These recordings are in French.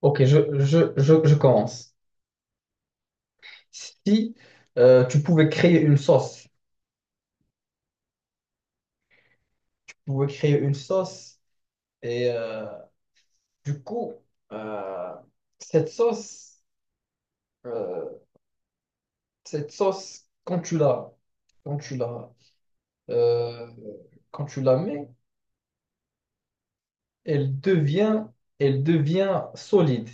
Ok, je commence. Si tu pouvais créer une sauce, tu pouvais créer une sauce et du coup, euh, cette sauce, euh, cette sauce, quand tu la, euh, quand tu la mets, elle devient, elle devient solide.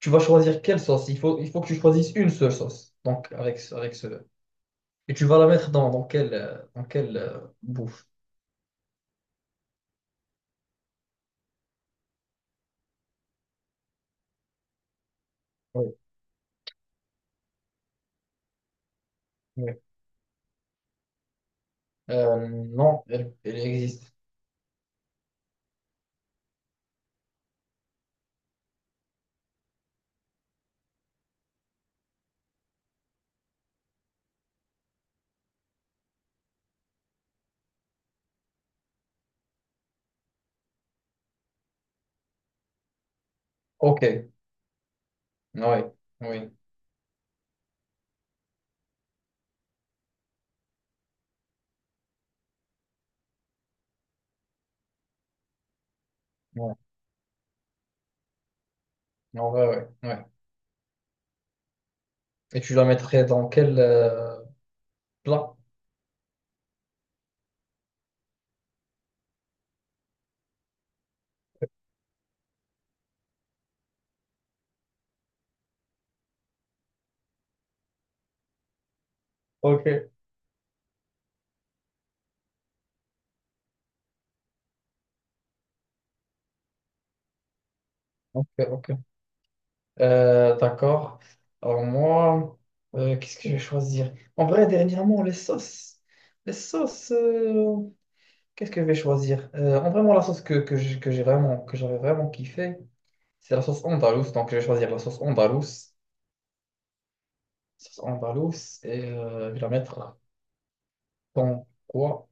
Tu vas choisir quelle sauce. Il faut que tu choisisses une seule sauce. Et tu vas la mettre dans quelle bouffe. Oui. Non, elle existe. Ok, ouais, oui, ouais. En vrai, ouais, ouais. Et tu la mettrais dans quel plat? Ok, ok, ok. D'accord. Alors moi, qu'est-ce que je vais choisir? En vrai, dernièrement, les sauces. Les sauces, qu'est-ce que je vais choisir? En vraiment, la sauce que j'ai vraiment, que j'avais vraiment kiffé, c'est la sauce andalouse. Donc, je vais choisir la sauce andalouse. Sauce andalouse et je vais la mettre dans quoi?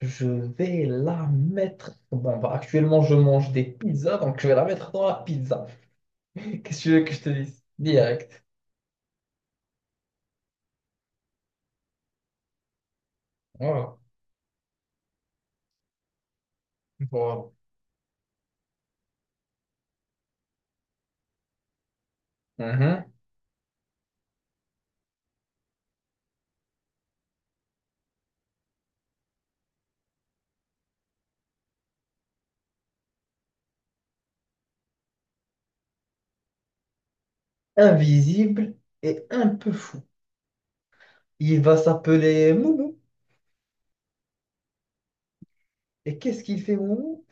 Je vais la mettre. Bon, bah, actuellement, je mange des pizzas, donc je vais la mettre dans la pizza. Qu'est-ce que tu veux que je te dise? Direct. Voilà. Voilà. Mhm. Invisible et un peu fou. Il va s'appeler Moumou. Et qu'est-ce qu'il fait, Moumou?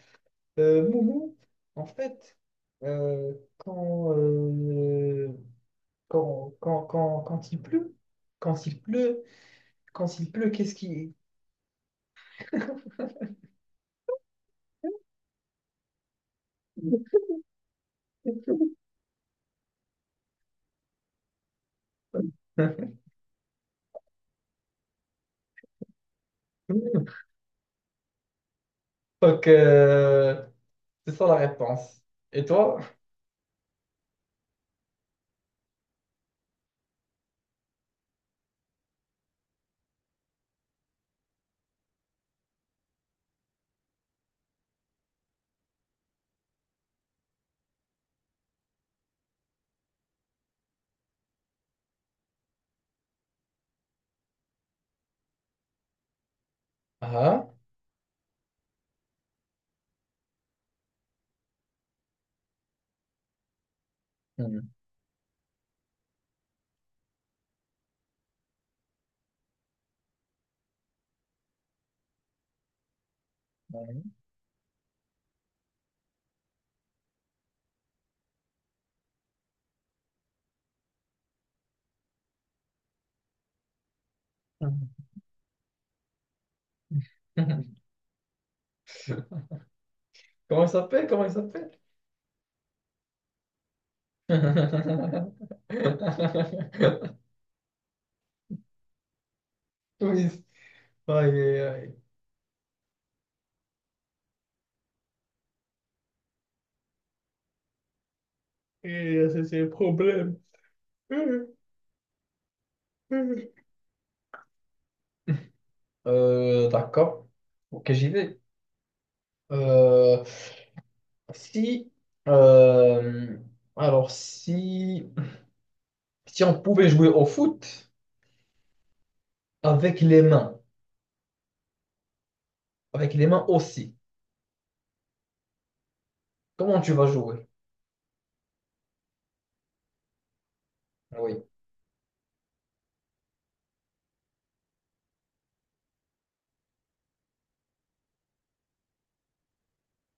Moumou, en fait, euh, quand, euh, quand il pleut, quand il pleut, quand il pleut, qu'est-ce qu'il... Donc, euh, C'est ça la réponse. Et toi? Ah? Mhm. Mhm. Comment il s'appelle? Comment il s'appelle? Oui. Aïe, aïe, aïe. Et ça, c'est le problème. D'accord. Ok, j'y vais. Euh, si, euh, alors si, si on pouvait jouer au foot avec les mains, avec les mains aussi, comment tu vas jouer? Oui,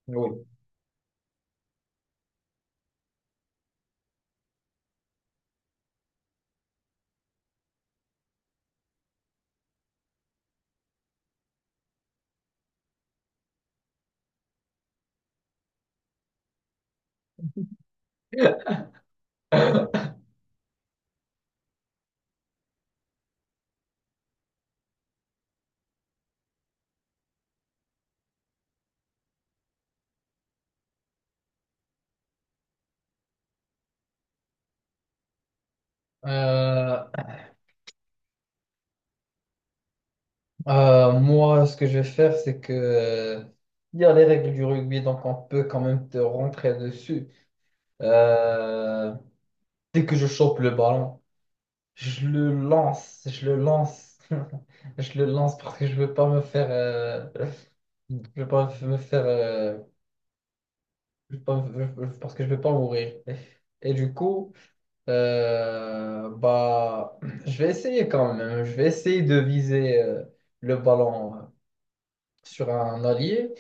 oui. Euh, moi, ce que je vais faire, c'est que il y a les règles du rugby, donc on peut quand même te rentrer dessus. Euh, dès que je chope le ballon, je le lance, je le lance, je le lance parce que je veux pas me faire, je veux pas me faire, je veux pas me- parce que je veux pas mourir. Et du coup, euh, bah, je vais essayer quand même. Je vais essayer de viser le ballon sur un allié.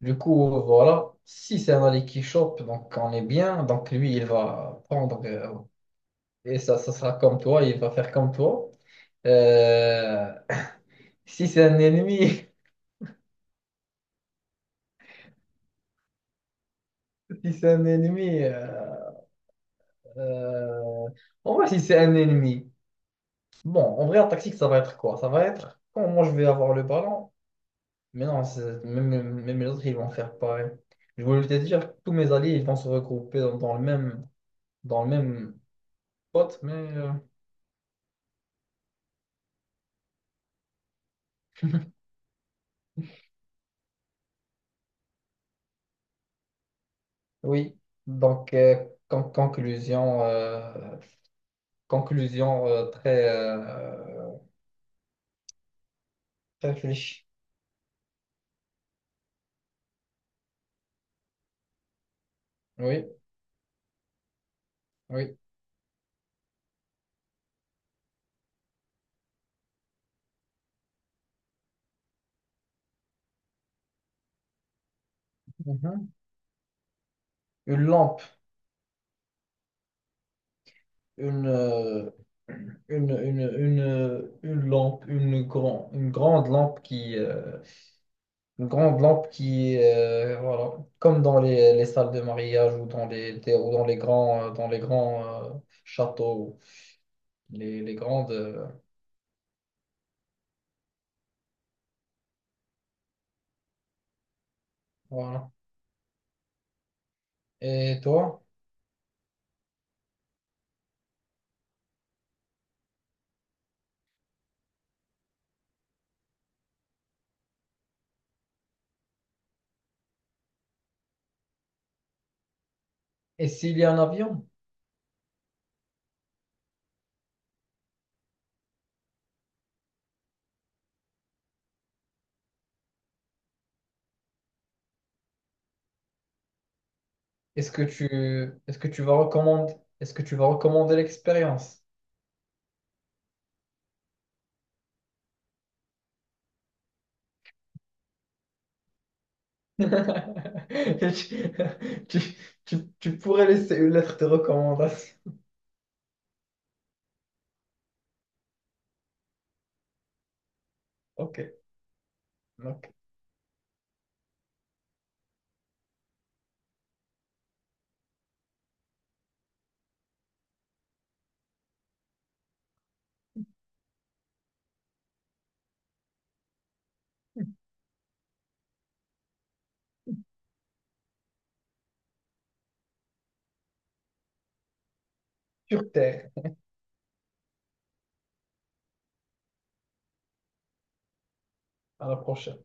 Du coup, voilà, si c'est un aller qui Shop, donc on est bien. Donc lui, il va prendre, et ça sera comme toi, il va faire comme toi. Euh, si c'est un ennemi, si c'est un ennemi, euh, en vrai, si c'est un ennemi, bon, en vrai, en tactique, ça va être quoi? Ça va être quand moi je vais avoir le ballon, mais non, c'est- même les autres, ils vont faire pareil. Je voulais te dire, tous mes alliés, ils vont se regrouper dans le même spot, Oui, donc euh, conclusion, conclusion très riche. Oui, oui. Mhm. Une lampe, une, euh, une lampe, une grande lampe une grande lampe qui, voilà, comme dans les salles de mariage ou dans ou dans les grands châteaux, les grandes, voilà. Et toi? Et s'il y a un avion? Est-ce que tu, est-ce que tu vas recommander, est-ce que tu vas recommander l'expérience? Tu, tu- tu pourrais laisser une lettre de recommandation. Ok, donc, sur Terre, à la prochaine.